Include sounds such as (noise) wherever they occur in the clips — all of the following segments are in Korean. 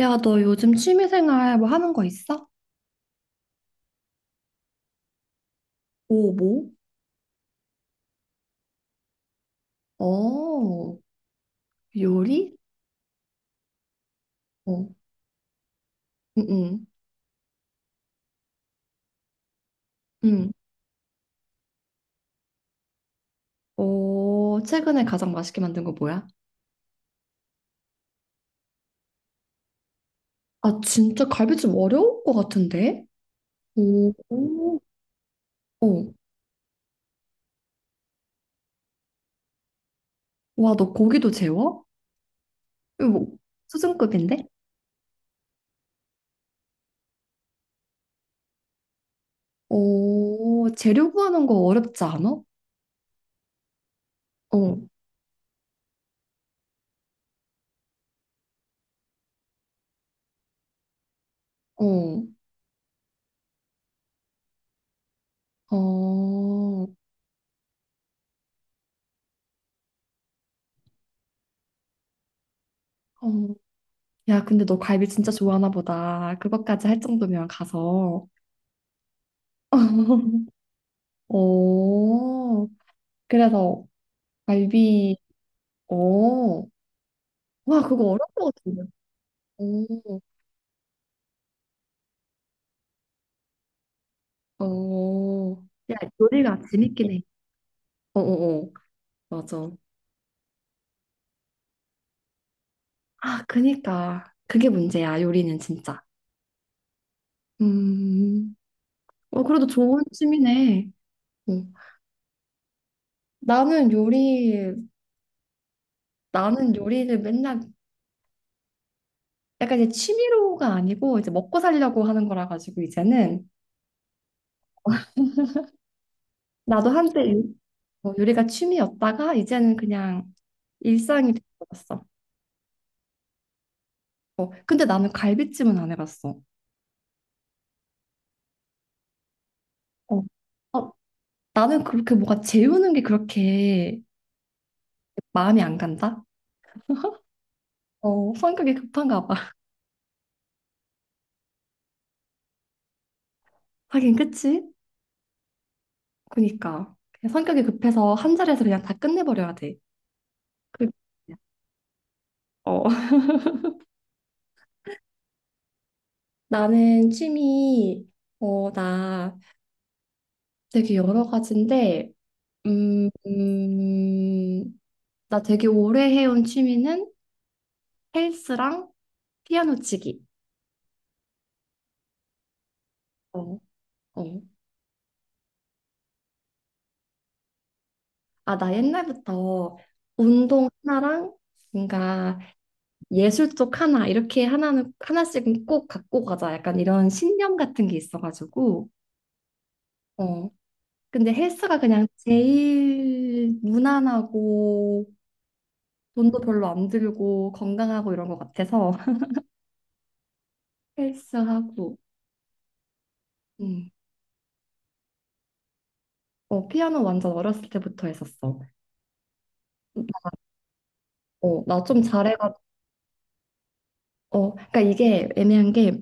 야, 너 요즘 취미생활 뭐 하는 거 있어? 오, 뭐? 어, 요리? 어, 응, 응, 응. 어, 최근에 가장 맛있게 만든 거 뭐야? 아, 진짜 갈비찜 어려울 것 같은데? 오, 오. 어. 와, 너 고기도 재워? 이거 뭐, 수준급인데? 오, 재료 구하는 거 어렵지 않아? 어, 어, 어, 어. 야, 근데 너 갈비 진짜 좋아하나 보다. 그것까지 할 정도면 가서. (laughs) 오, 그래서 갈비, 오, 와, 그거 어려운 것 같은데. 오, 오, 야, 요리가 재밌긴 해. 오, 오, 오, 맞아. 아, 그니까. 그게 문제야, 요리는 진짜. 음, 어, 그래도 좋은 취미네. 음. 나는 요리, 나는 요리를 맨날 약간 이제 취미로가 아니고 이제 먹고 살려고 하는 거라 가지고 이제는 나도 한때 요- 어, 요리가 취미였다가 이제는 그냥 일상이 되어버렸어. 어, 근데 나는 갈비찜은 안 해봤어. 어, 어, 나는 그렇게 뭐가 재우는 게 그렇게 마음이 안 간다? 어, 성격이 급한가 봐. (laughs) 하긴, 그치? 그니까. 그냥 성격이 급해서 한 자리에서 그냥 다 끝내버려야 돼. 그- 어. (laughs) 나는 취미, 어, 나 되게 여러 가지인데, 음, 음, 나 되게 오래 해온 취미는 헬스랑 피아노 치기. 어, 어. 아, 나 옛날부터 운동 하나랑 뭔가 예술 쪽 하나 이렇게 하나는 하나씩은 꼭 갖고 가자 약간 이런 신념 같은 게 있어가지고 어 근데 헬스가 그냥 제일 무난하고 돈도 별로 안 들고 건강하고 이런 것 같아서 (laughs) 헬스하고 음. 어 피아노 완전 어렸을 때부터 했었어. 나, 어, 나 좀 잘해가 어 그러니까 이게 애매한 게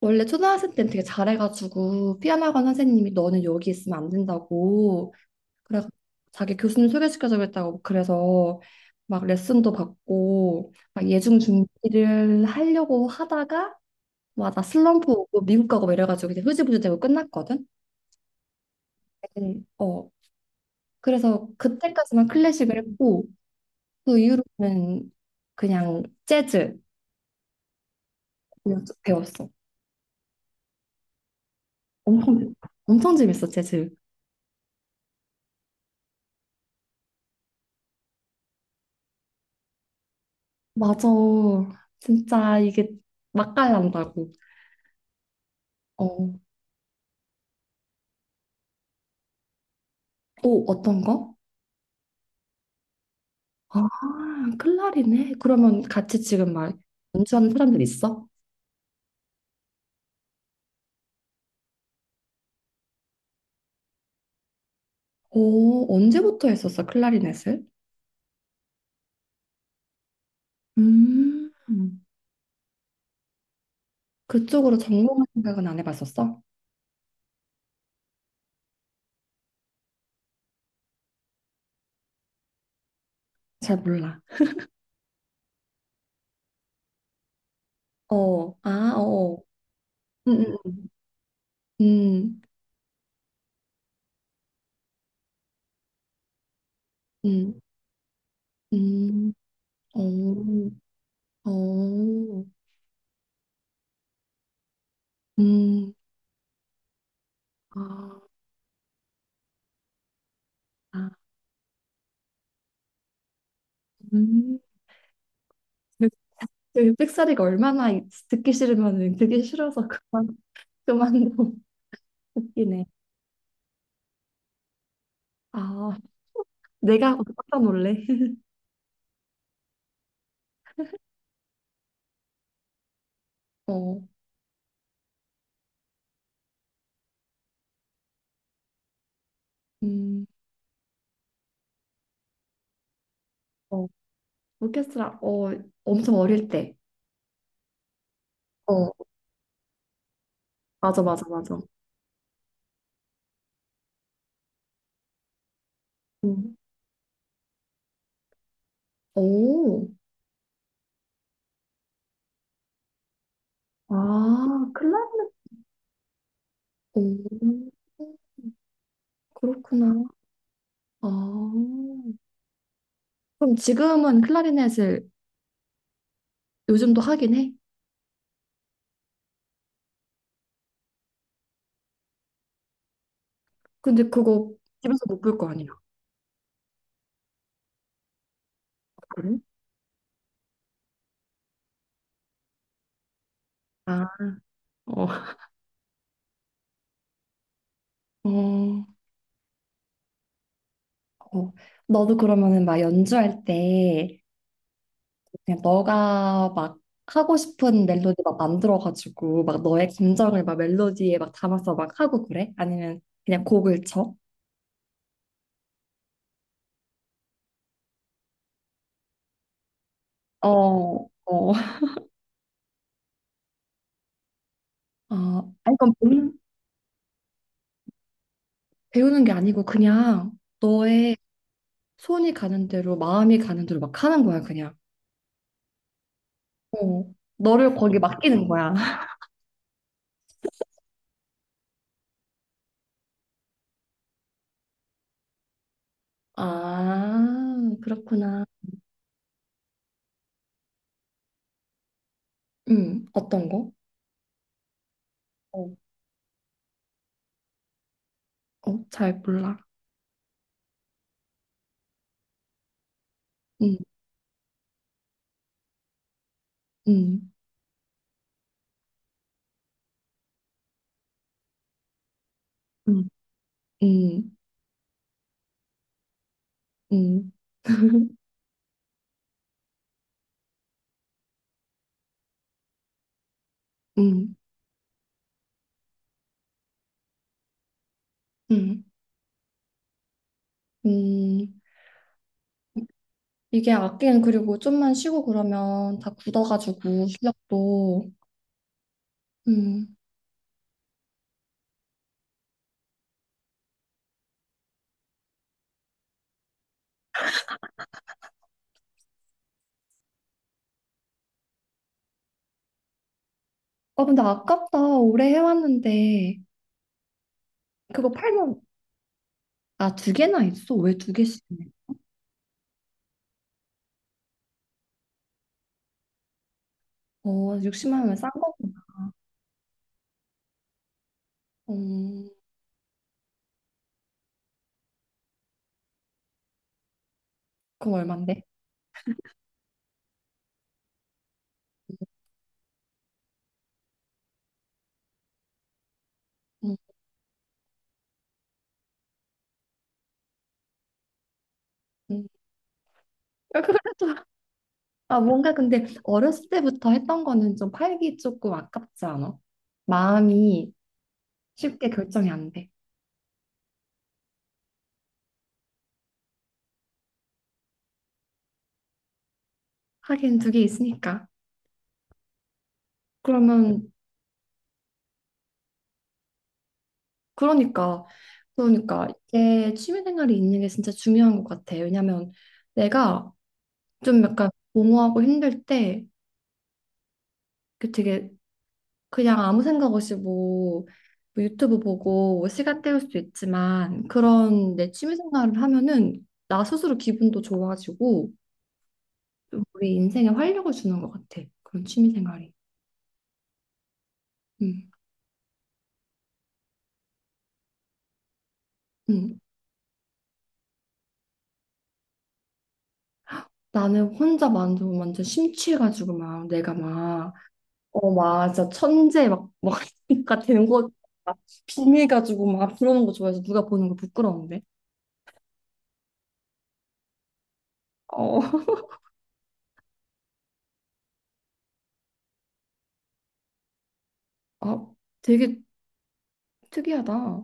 원래 초등학생 때는 되게 잘해가지고 피아노 학원 선생님이 너는 여기 있으면 안 된다고 그래 자기 교수님 소개시켜주그랬다고 그래서 막 레슨도 받고 막 예중 준비를 하려고 하다가 와 나 슬럼프 오고 미국 가고 막 이래가지고 이제 흐지부지 되고 끝났거든. 어 그래서 그때까지만 클래식을 했고 그 이후로는 그냥 재즈 배웠어. 엄청 재밌- 엄청 재밌어 재즈. 맞아. 진짜 이게 맛깔난다고. 어. 오, 어떤 거? 아, 클라리넷? 그러면 같이 지금 막 연주하는 사람들 있어? 오, 언제부터 했었어, 클라리넷을? 음, 그쪽으로 전공할 생각은 안 해봤었어? 잘 몰라. 어, 아, 어. 어. 음, 음, 음, 음, 음, 음. 어, 어, 음, 아, 아, 음. 그, 그 삑사리가 얼마나 듣기 싫으면은 듣기 싫어서 그만도 (laughs) 웃기네. 아 내가 어떤 원래? (laughs) 어, 음, 어 오케스트라 어 엄청 어릴 때. 어 맞아 맞아 맞아. 음. 오, 아 클라리넷. 오, 그렇구나. 아 그럼 지금은 클라리넷을 요즘도 하긴 해? 근데 그거 집에서 못 볼 거 아니야? 그래? 아, 어. 어. 어, 너도 그러면은 막 연주할 때 그냥 너가 막 하고 싶은 멜로디 막 만들어가지고 막 너의 감정을 막 멜로디에 막 담아서 막 하고 그래? 아니면 그냥 곡을 쳐? 어, 어. 아, 아니 그건 배우는, 배우는 게 아니고 그냥 너의 손이 가는 대로 마음이 가는 대로 막 하는 거야 그냥. 어, 너를 거기 맡기는 거야. (laughs) 아, 그렇구나. 어떤 거? 어, 어, 잘 몰라. 음, 음. 음. 음, 음, 음, 음. 음, 음. 이게 악기는 그리고 좀만 쉬고 그러면 다 굳어가지고 실력도. 음. 아, 근데 아깝다. 오래 해왔는데. 그거 팔면, 아, 두 개나 있어? 왜 두 개씩? 어, 60만 원면 싼 거구나. 음, 그럼 얼만데? 음, 음. 아, (laughs) 그래도, 아, 뭔가 근데 어렸을 때부터 했던 거는 좀 팔기 조금 아깝지 않아? 마음이 쉽게 결정이 안 돼. 하긴 두 개 있으니까. 그러면 그러니까, 그러니까 이게 취미생활이 있는 게 진짜 중요한 것 같아. 왜냐면 내가 좀 약간 공허하고 힘들 때 그 되게 그냥 아무 생각 없이 뭐, 뭐 유튜브 보고 뭐 시간 때울 수도 있지만 그런 내 취미생활을 하면은 나 스스로 기분도 좋아지고 좀 우리 인생에 활력을 주는 것 같아. 그런 취미생활이. 음, 음. 나는 혼자 완전 완전 심취해가지고 막 내가 막 어, 맞아. 천재 막, 그러니까 되는 거, 막 비밀가지고 막 그러는 거 좋아해서 누가 보는 거 부끄러운데. 어, (laughs) 아, 되게 특이하다.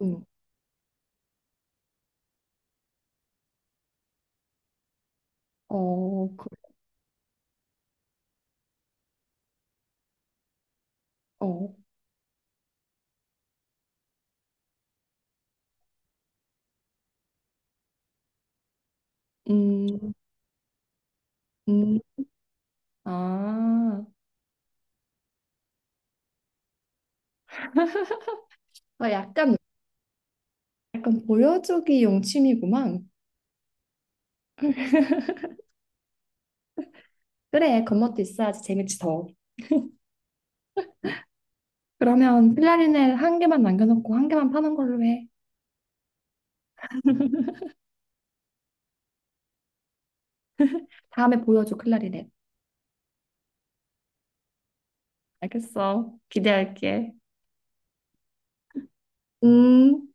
응. 어, 그, 어, 음, 음, 아, 아, 약간, 약간 보여주기용 취미구만. 그래, 겉멋도 있어야지 재밌지 더. 그러면 클라리넷 한 개만 남겨놓고 한 개만 파는 걸로 해. 다음에 보여줘, 클라리넷. 알겠어. 기대할게. 음.